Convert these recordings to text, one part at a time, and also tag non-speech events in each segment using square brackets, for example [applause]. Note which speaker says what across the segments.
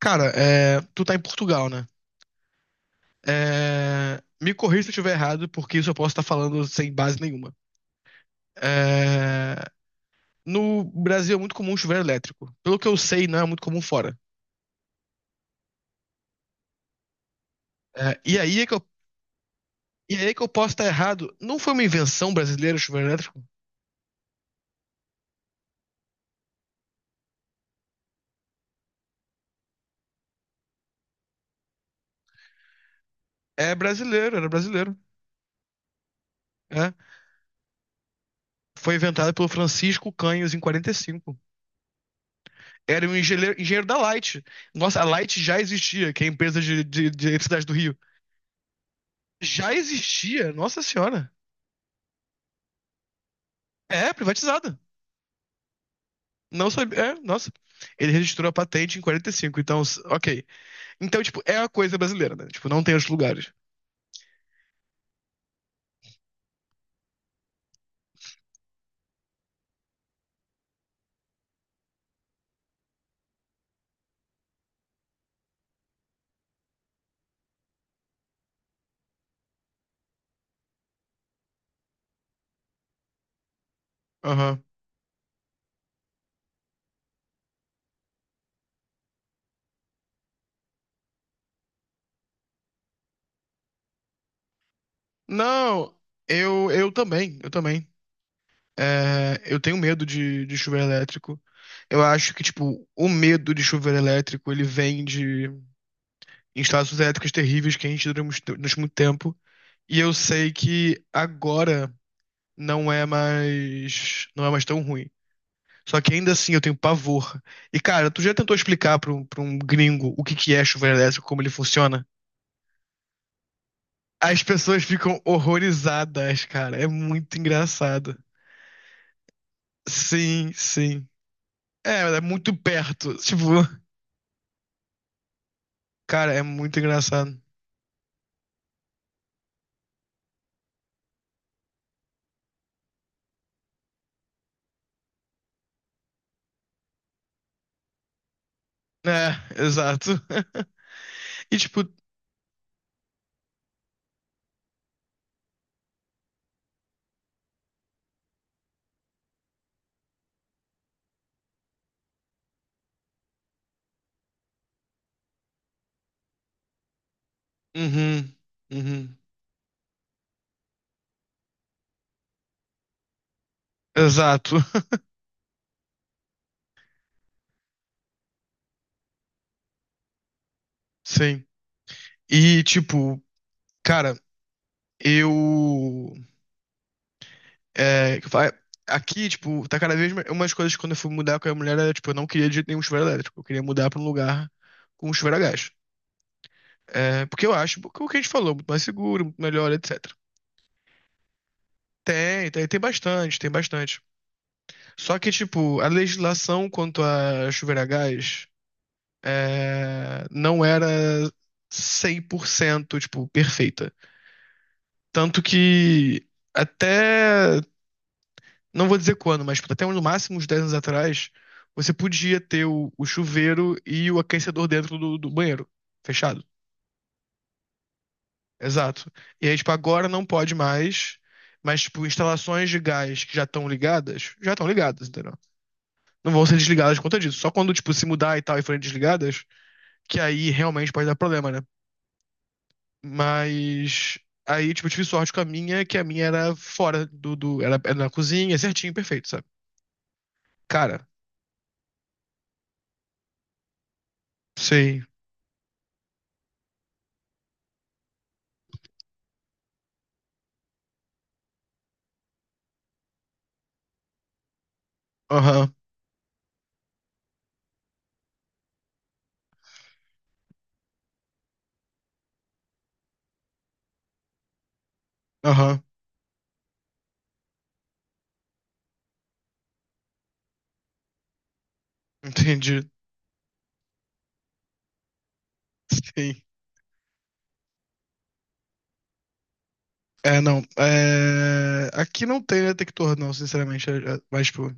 Speaker 1: Cara, tu tá em Portugal, né? Me corrija se eu estiver errado, porque isso eu posso estar falando sem base nenhuma. É, no Brasil é muito comum chuveiro elétrico. Pelo que eu sei, não é muito comum fora. É, e aí é que eu, e aí é que eu posso estar errado. Não foi uma invenção brasileira o chuveiro elétrico? É brasileiro, era brasileiro. É. Foi inventado pelo Francisco Canhos em 45. Era um engenheiro, engenheiro da Light. Nossa, a Light já existia, que é a empresa de eletricidade do Rio. Já existia, nossa senhora. É, privatizada. Não sabia. É, nossa. Ele registrou a patente em 45. Então, ok. Então, tipo, é a coisa brasileira, né? Tipo, não tem outros lugares. Aham. Não, eu também, eu também. É, eu tenho medo de chuveiro elétrico. Eu acho que, tipo, o medo de chuveiro elétrico, ele vem de instalações elétricas terríveis que a gente durante muito tempo. E eu sei que agora não é mais tão ruim. Só que ainda assim eu tenho pavor. E cara, tu já tentou explicar pra um gringo o que que é chuveiro elétrico, como ele funciona? As pessoas ficam horrorizadas, cara. É muito engraçado. Sim, sim. É, é muito perto. Tipo, cara, é muito engraçado. É, exato. [laughs] E tipo, uhum, uhum, exato. [laughs] Sim. E tipo, cara, eu É, que eu falo, é, aqui, tipo, tá cada vez mais. Uma das coisas que quando eu fui mudar com a mulher era, tipo, eu não queria de jeito nenhum chuveiro elétrico. Eu queria mudar pra um lugar com um chuveiro a gás. É, porque eu acho que o que a gente falou, muito mais seguro, muito melhor, etc. Tem, tem bastante, tem bastante. Só que, tipo, a legislação quanto a chuveiro a gás não era 100% tipo, perfeita. Tanto que até Não vou dizer quando, mas tipo, até no máximo uns 10 anos atrás, você podia ter o chuveiro e o aquecedor dentro do banheiro, fechado. Exato. E aí, tipo, agora não pode mais, mas, tipo, instalações de gás que já estão ligadas, entendeu? Não vão ser desligadas por conta disso. Só quando, tipo, se mudar e tal e forem desligadas, que aí realmente pode dar problema, né? Mas aí, tipo, eu tive sorte com a minha, que a minha era fora do, do era, era na cozinha, certinho, perfeito, sabe? Cara, sei. Aham, aham. [laughs] Entendi. Sim. É, não. É... Aqui não tem detector, não, sinceramente. Mas, tipo,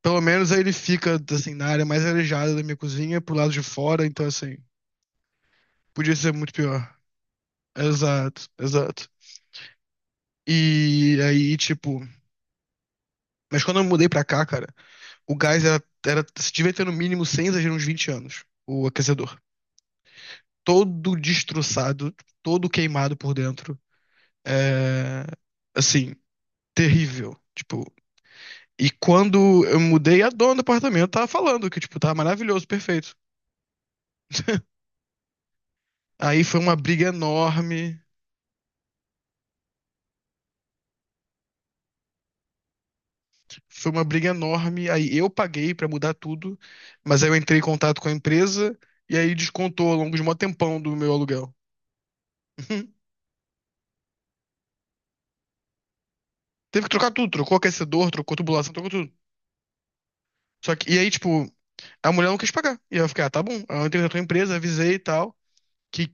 Speaker 1: pelo menos aí ele fica, assim, na área mais arejada da minha cozinha, pro lado de fora, então, assim, podia ser muito pior. Exato, exato. E aí, tipo. Mas quando eu mudei pra cá, cara, o gás se devia ter no mínimo, sem exagero, uns 20 anos, o aquecedor. Todo destroçado, todo queimado por dentro. É. Assim, terrível. Tipo, E quando eu mudei, a dona do apartamento tava falando que, tipo, tava maravilhoso, perfeito. Aí foi uma briga enorme, foi uma briga enorme. Aí eu paguei pra mudar tudo, mas aí eu entrei em contato com a empresa e aí descontou ao longo de um mó tempão do meu aluguel. Uhum. Teve que trocar tudo, trocou aquecedor, trocou tubulação, trocou tudo. Só que, e aí, tipo, a mulher não quis pagar. E eu fiquei, ah, tá bom. Aí eu entrei na tua empresa, avisei e tal, que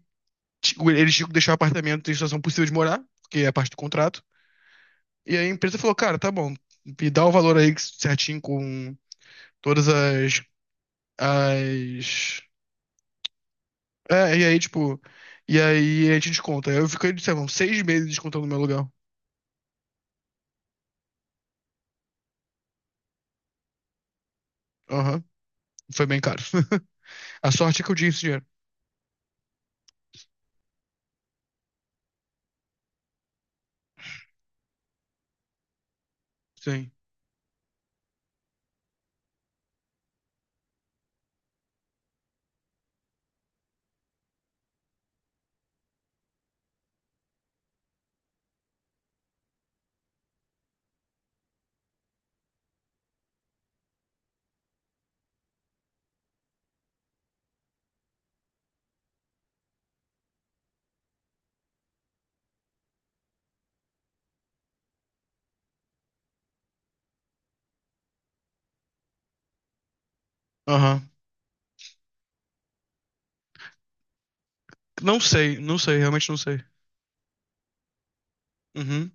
Speaker 1: eles tinham que deixar o apartamento em situação possível de morar, porque é parte do contrato. E aí a empresa falou, cara, tá bom, me dá o valor aí certinho com todas as... É, e aí, tipo, e aí a gente desconta. Eu fiquei, sei lá, uns 6 meses descontando meu aluguel. Aham, foi bem caro. [laughs] A sorte é que eu tinha esse dinheiro. Sim, aham. Não sei, não sei, realmente não sei. Uhum,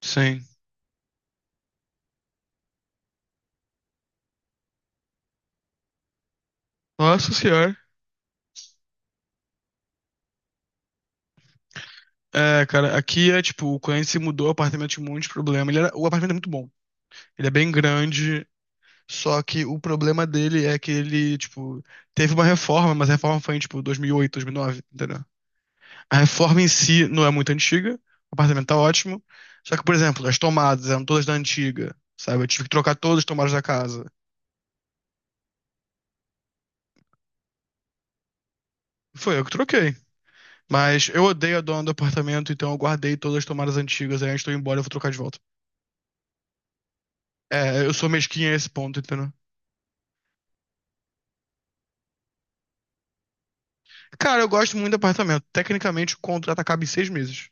Speaker 1: sim. Nossa senhora. É, cara, aqui é tipo, o cliente se mudou, o apartamento tinha um monte de problema. O apartamento é muito bom. Ele é bem grande, só que o problema dele é que ele, tipo, teve uma reforma, mas a reforma foi em, tipo, 2008, 2009, entendeu? A reforma em si não é muito antiga, o apartamento tá ótimo. Só que, por exemplo, as tomadas eram todas da antiga, sabe? Eu tive que trocar todas as tomadas da casa. Foi eu que troquei. Mas eu odeio a dona do apartamento, então eu guardei todas as tomadas antigas. Aí antes de eu ir embora, eu vou trocar de volta. É, eu sou mesquinha a esse ponto, entendeu? Cara, eu gosto muito do apartamento. Tecnicamente, o contrato acaba em 6 meses.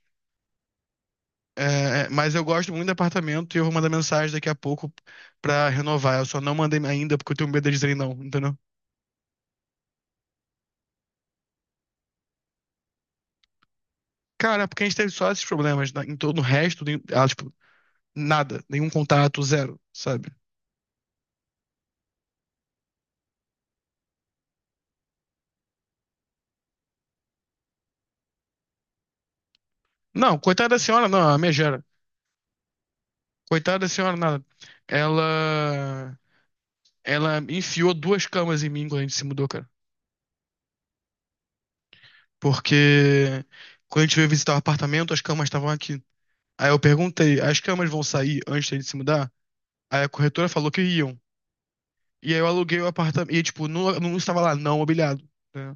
Speaker 1: É, mas eu gosto muito do apartamento e eu vou mandar mensagem daqui a pouco pra renovar. Eu só não mandei ainda porque eu tenho medo de dizer não, entendeu? Cara, porque a gente teve só esses problemas, né? Em todo o resto, tipo, nada, nenhum contato, zero, sabe? Não, coitada da senhora, não, a minha gera. Coitada da senhora, nada. Ela, ela enfiou duas camas em mim quando a gente se mudou, cara. Porque quando a gente veio visitar o apartamento, as camas estavam aqui. Aí eu perguntei, as camas vão sair antes de gente se mudar? Aí a corretora falou que iam. E aí eu aluguei o apartamento. E, tipo, não, não estava lá, não mobiliado. Né?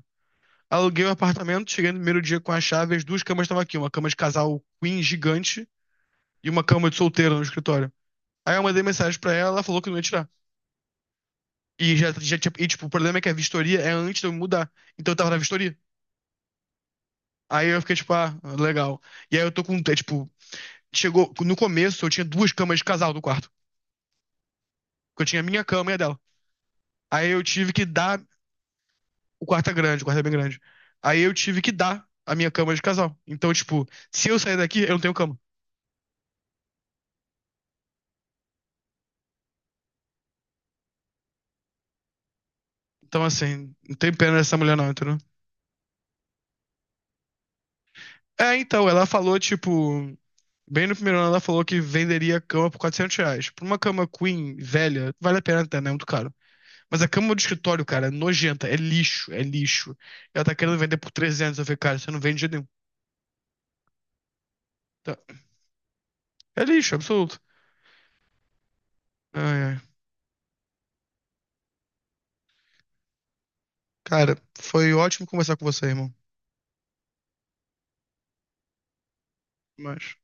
Speaker 1: Aluguei o apartamento, cheguei no primeiro dia com a chave, as duas camas estavam aqui, uma cama de casal queen gigante e uma cama de solteira no escritório. Aí eu mandei mensagem pra ela, ela falou que não ia tirar. E já tinha. E, tipo, o problema é que a vistoria é antes de eu me mudar. Então eu tava na vistoria. Aí eu fiquei, tipo, ah, legal. E aí eu tô com. É, tipo, chegou. No começo eu tinha duas camas de casal no quarto. Porque eu tinha a minha cama e a dela. Aí eu tive que dar O quarto é grande, o quarto é bem grande. Aí eu tive que dar a minha cama de casal. Então, tipo, se eu sair daqui, eu não tenho cama. Então, assim, não tem pena dessa mulher não, entendeu? É, então, ela falou, tipo... Bem no primeiro ano, ela falou que venderia a cama por R$ 400. Por uma cama queen velha, vale a pena até, né? É muito caro. Mas a cama do escritório, cara, é nojenta. É lixo, é lixo. Ela tá querendo vender por 300. Eu falei, cara, você não vende de jeito nenhum. Tá. É lixo, absoluto. Ai, ai. Cara, foi ótimo conversar com você, irmão. Mas...